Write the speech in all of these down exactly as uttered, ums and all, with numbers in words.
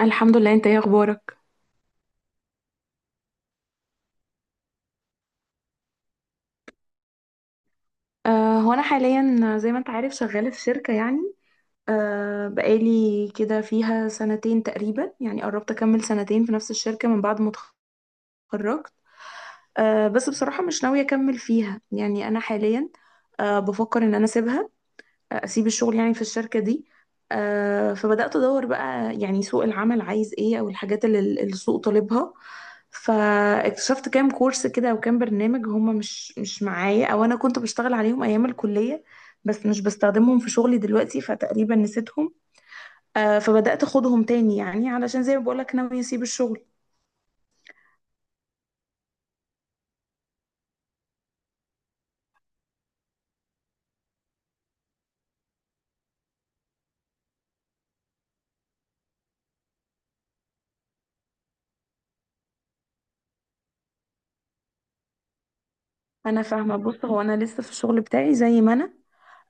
الحمد لله. انت ايه اخبارك؟ أه هو انا حاليا زي ما انت عارف شغاله في شركه يعني. أه بقالي كده فيها سنتين تقريبا، يعني قربت اكمل سنتين في نفس الشركه من بعد ما اتخرجت. أه بس بصراحه مش ناويه اكمل فيها. يعني انا حاليا أه بفكر ان انا اسيبها، آه، اسيب الشغل يعني في الشركه دي. أه فبدات ادور بقى يعني سوق العمل عايز ايه، او الحاجات اللي اللي السوق طالبها. فاكتشفت كام كورس كده وكام برنامج هما مش مش معايا، او انا كنت بشتغل عليهم ايام الكلية بس مش بستخدمهم في شغلي دلوقتي، فتقريبا نسيتهم. آه، فبدأت اخدهم تاني يعني، علشان زي ما بقولك ناوية اسيب الشغل. انا فاهمة. بص، هو انا لسه في الشغل بتاعي زي ما انا،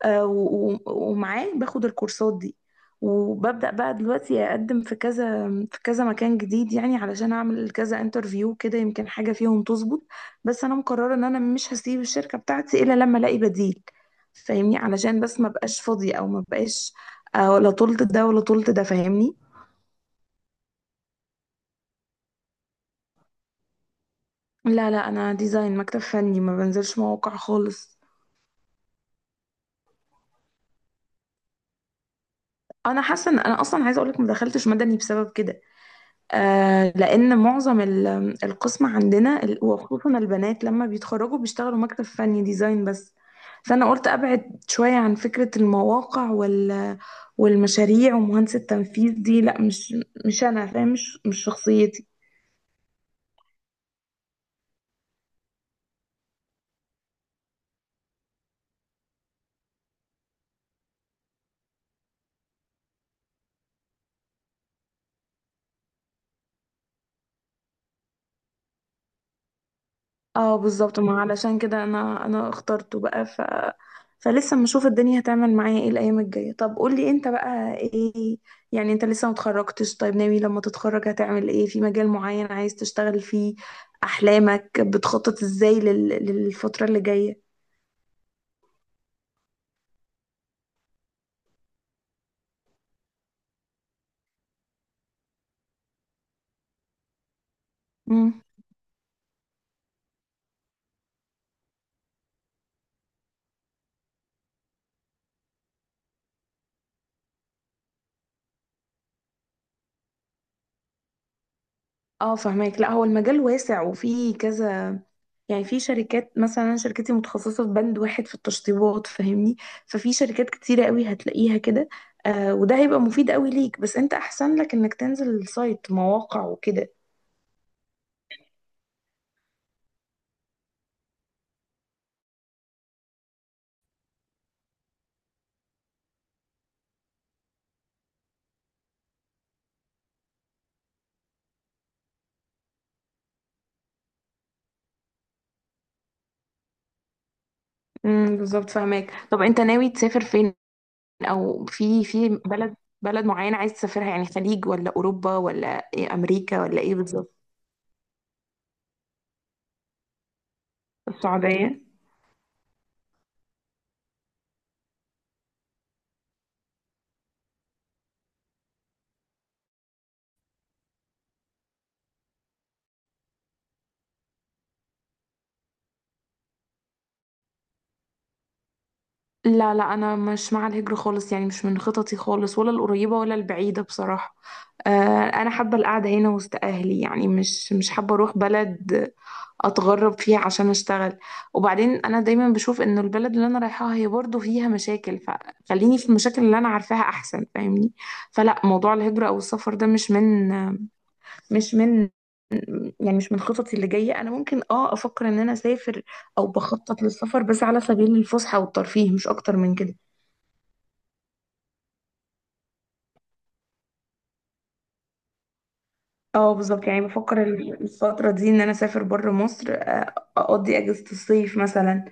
آه، و- و- ومعاه باخد الكورسات دي، وببدأ بقى دلوقتي أقدم في كذا في كذا مكان جديد، يعني علشان أعمل كذا انترفيو كده، يمكن حاجة فيهم تظبط. بس أنا مقررة إن أنا مش هسيب الشركة بتاعتي إلا لما ألاقي بديل، فاهمني؟ علشان بس ما بقاش فاضية، أو ما بقاش آه، ولا طولت ده ولا طولت ده، فاهمني؟ لا لا، أنا ديزاين مكتب فني، ما بنزلش مواقع خالص. أنا حاسة إن أنا أصلا، عايزة أقولك، ما دخلتش مدني بسبب كده. آه، لأن معظم ال- القسم عندنا ال- وخصوصا البنات لما بيتخرجوا بيشتغلوا مكتب فني ديزاين بس. فأنا قلت أبعد شوية عن فكرة المواقع وال والمشاريع ومهندس التنفيذ دي. لا، مش مش أنا فاهم، مش مش شخصيتي. اه بالظبط، ما علشان كده انا انا اخترته بقى. ف فلسه بنشوف الدنيا هتعمل معايا ايه الايام الجايه. طب قولي انت بقى ايه، يعني انت لسه متخرجتش، طيب ناوي لما تتخرج هتعمل ايه؟ في مجال معين عايز تشتغل فيه؟ احلامك بتخطط ازاي لل... للفتره اللي جايه؟ امم. اه فهماك. لا، هو المجال واسع وفيه كذا، يعني في شركات مثلا أنا شركتي متخصصة في بند واحد في التشطيبات، فاهمني؟ ففي شركات كتيرة قوي هتلاقيها كده. آه وده هيبقى مفيد قوي ليك، بس انت احسن لك انك تنزل السايت، مواقع وكده. امم بالظبط، فاهماك. طب انت ناوي تسافر فين؟ او في في بلد، بلد معينة عايز تسافرها، يعني خليج ولا اوروبا ولا إيه، امريكا ولا ايه بالظبط؟ السعودية؟ لا لا، انا مش مع الهجرة خالص، يعني مش من خططي خالص، ولا القريبة ولا البعيدة بصراحة. آه، انا حابة القعدة هنا وسط اهلي، يعني مش مش حابة اروح بلد اتغرب فيها عشان اشتغل. وبعدين انا دايما بشوف ان البلد اللي انا رايحاها هي برضو فيها مشاكل، فخليني في المشاكل اللي انا عارفاها احسن، فاهمني؟ فلا، موضوع الهجرة او السفر ده مش من مش من يعني مش من خططي اللي جاية. أنا ممكن اه أفكر إن أنا أسافر أو بخطط للسفر، بس على سبيل الفسحة والترفيه، مش أكتر من كده. اه بالظبط، يعني بفكر ال- الفترة دي إن أنا أسافر بره مصر، آه، أقضي أجازة الصيف مثلا،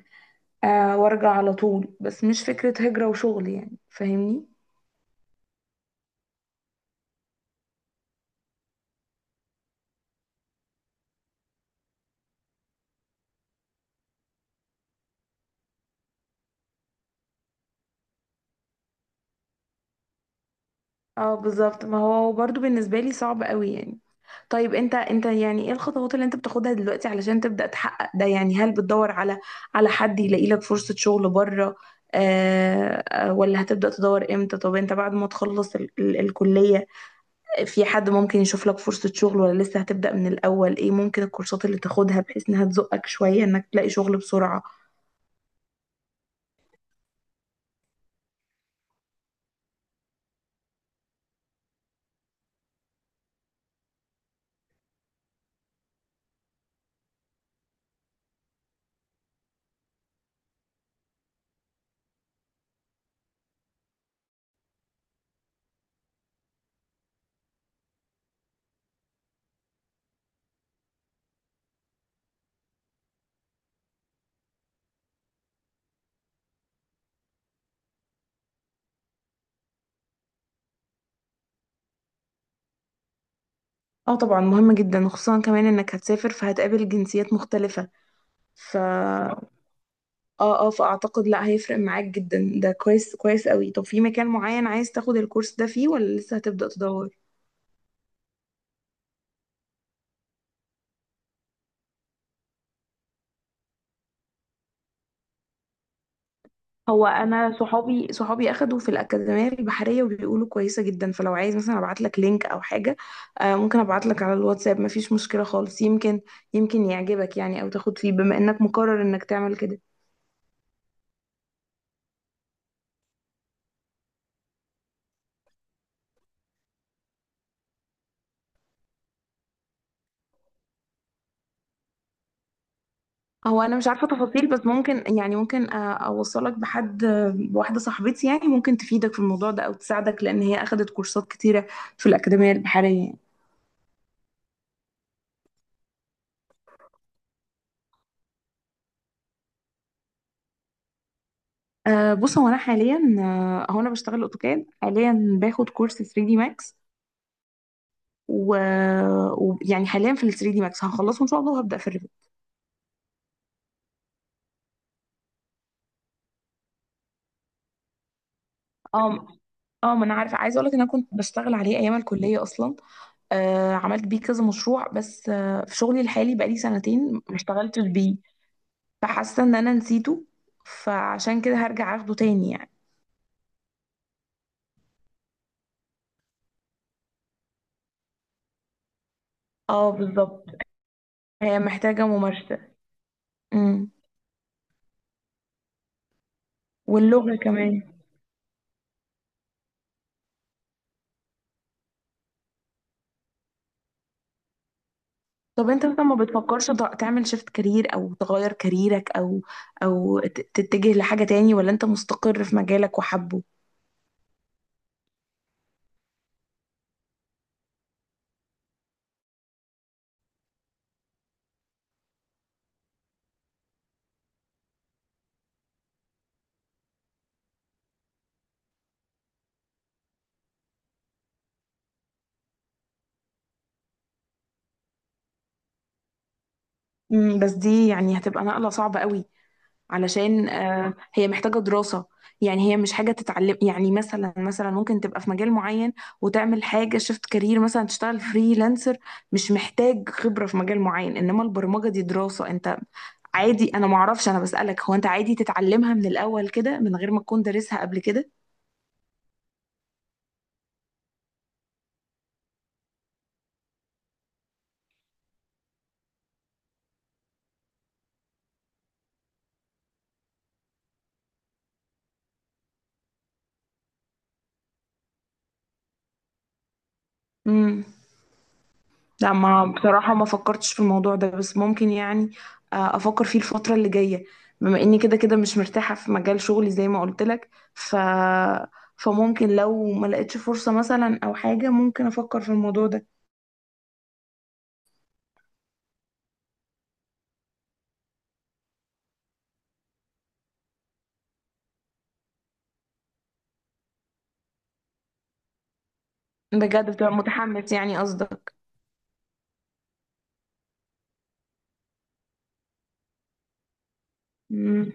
آه، وأرجع على طول. بس مش فكرة هجرة وشغل، يعني فاهمني. اه بالظبط، ما هو برضو بالنسبة لي صعب قوي يعني. طيب انت، انت يعني ايه الخطوات اللي انت بتاخدها دلوقتي علشان تبدأ تحقق ده؟ يعني هل بتدور على، على حد يلاقي لك فرصة شغل بره؟ آه آه، ولا هتبدأ تدور امتى؟ طب انت بعد ما تخلص ال ال الكلية، في حد ممكن يشوف لك فرصة شغل، ولا لسه هتبدأ من الأول؟ ايه ممكن الكورسات اللي تاخدها بحيث انها تزقك شوية انك تلاقي شغل بسرعة؟ اه طبعا مهم جدا، وخصوصا كمان انك هتسافر، فهتقابل جنسيات مختلفة. ف اه اه فاعتقد، لا هيفرق معاك جدا ده. كويس، كويس قوي. طب في مكان معين عايز تاخد الكورس ده فيه، ولا لسه هتبدأ تدور؟ هو انا صحابي صحابي اخدوا في الاكاديميه البحريه وبيقولوا كويسه جدا، فلو عايز مثلا ابعت لك لينك او حاجه، آه، ممكن ابعت لك على الواتساب، مفيش مشكله خالص. يمكن، يمكن يعجبك يعني، او تاخد فيه، بما انك مقرر انك تعمل كده. هو انا مش عارفه تفاصيل، بس ممكن يعني ممكن، آه، اوصلك بحد، آه، بواحده صاحبتي، يعني ممكن تفيدك في الموضوع ده او تساعدك، لان هي اخدت كورسات كتيره في الاكاديميه البحريه يعني. أه بص، هو انا حاليا، آه، هو انا بشتغل اوتوكاد، حاليا باخد كورس ثري دي ماكس. ويعني حاليا في ال ثري دي ماكس، هخلصه ان شاء الله وهبدا في الريفيجن. اه اه، ما انا عارفه، عايزه اقول لك ان انا كنت بشتغل عليه ايام الكليه اصلا. أه عملت بيه كذا مشروع، بس أه في شغلي الحالي بقالي سنتين ما اشتغلتش بيه، فحاسه ان انا نسيته، فعشان كده هرجع اخده تاني يعني. اه بالظبط، هي محتاجه ممارسه. امم. واللغه كمان. طب انت مثلا ما بتفكرش ت- تعمل شيفت كارير، او تغير كاريرك، او او ت- تتجه لحاجة تاني، ولا انت مستقر في مجالك وحبه؟ امم. بس دي يعني هتبقى نقلة صعبة قوي، علشان آه هي محتاجة دراسة. يعني هي مش حاجة تتعلم يعني، مثلا مثلا ممكن تبقى في مجال معين وتعمل حاجة شيفت كارير، مثلا تشتغل فريلانسر، مش محتاج خبرة في مجال معين. انما البرمجة دي دراسة. انت عادي؟ انا معرفش، انا بسألك، هو انت عادي تتعلمها من الاول كده من غير ما تكون دارسها قبل كده؟ امم. لا، ما بصراحة ما فكرتش في الموضوع ده، بس ممكن يعني، آه، أفكر فيه الفترة اللي جاية، بما إني كده كده مش مرتاحة في مجال شغلي زي ما قلت لك. ف... فممكن لو ما لقيتش فرصة مثلا أو حاجة، ممكن أفكر في الموضوع ده. بجد بتبقى متحمس يعني، قصدك؟ مم.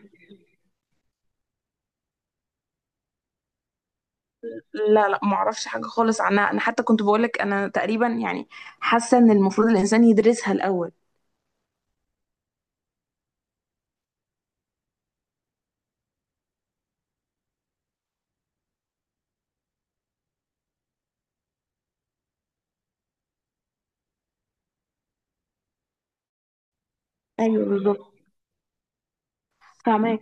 لا لا، ما اعرفش حاجة خالص عنها. أنا حتى كنت بقولك أنا تقريبا يعني حاسة إن المفروض الإنسان يدرسها الأول. ايوه بالظبط، فاهمك.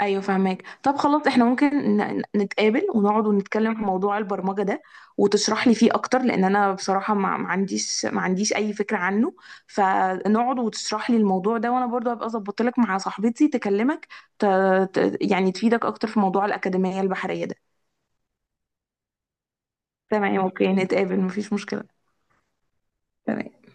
ايوه فاهمك. طب خلاص احنا ممكن ن- نتقابل ونقعد ونتكلم في موضوع البرمجه ده، وتشرح لي فيه اكتر، لان انا بصراحه ما ما عنديش، ما عنديش اي فكره عنه. فنقعد وتشرح لي الموضوع ده، وانا برضو هبقى ظبطت لك مع صاحبتي تكلمك، ت... ت... يعني تفيدك اكتر في موضوع الاكاديميه البحريه ده. تمام. اوكي، نتقابل مفيش مشكله. تمام.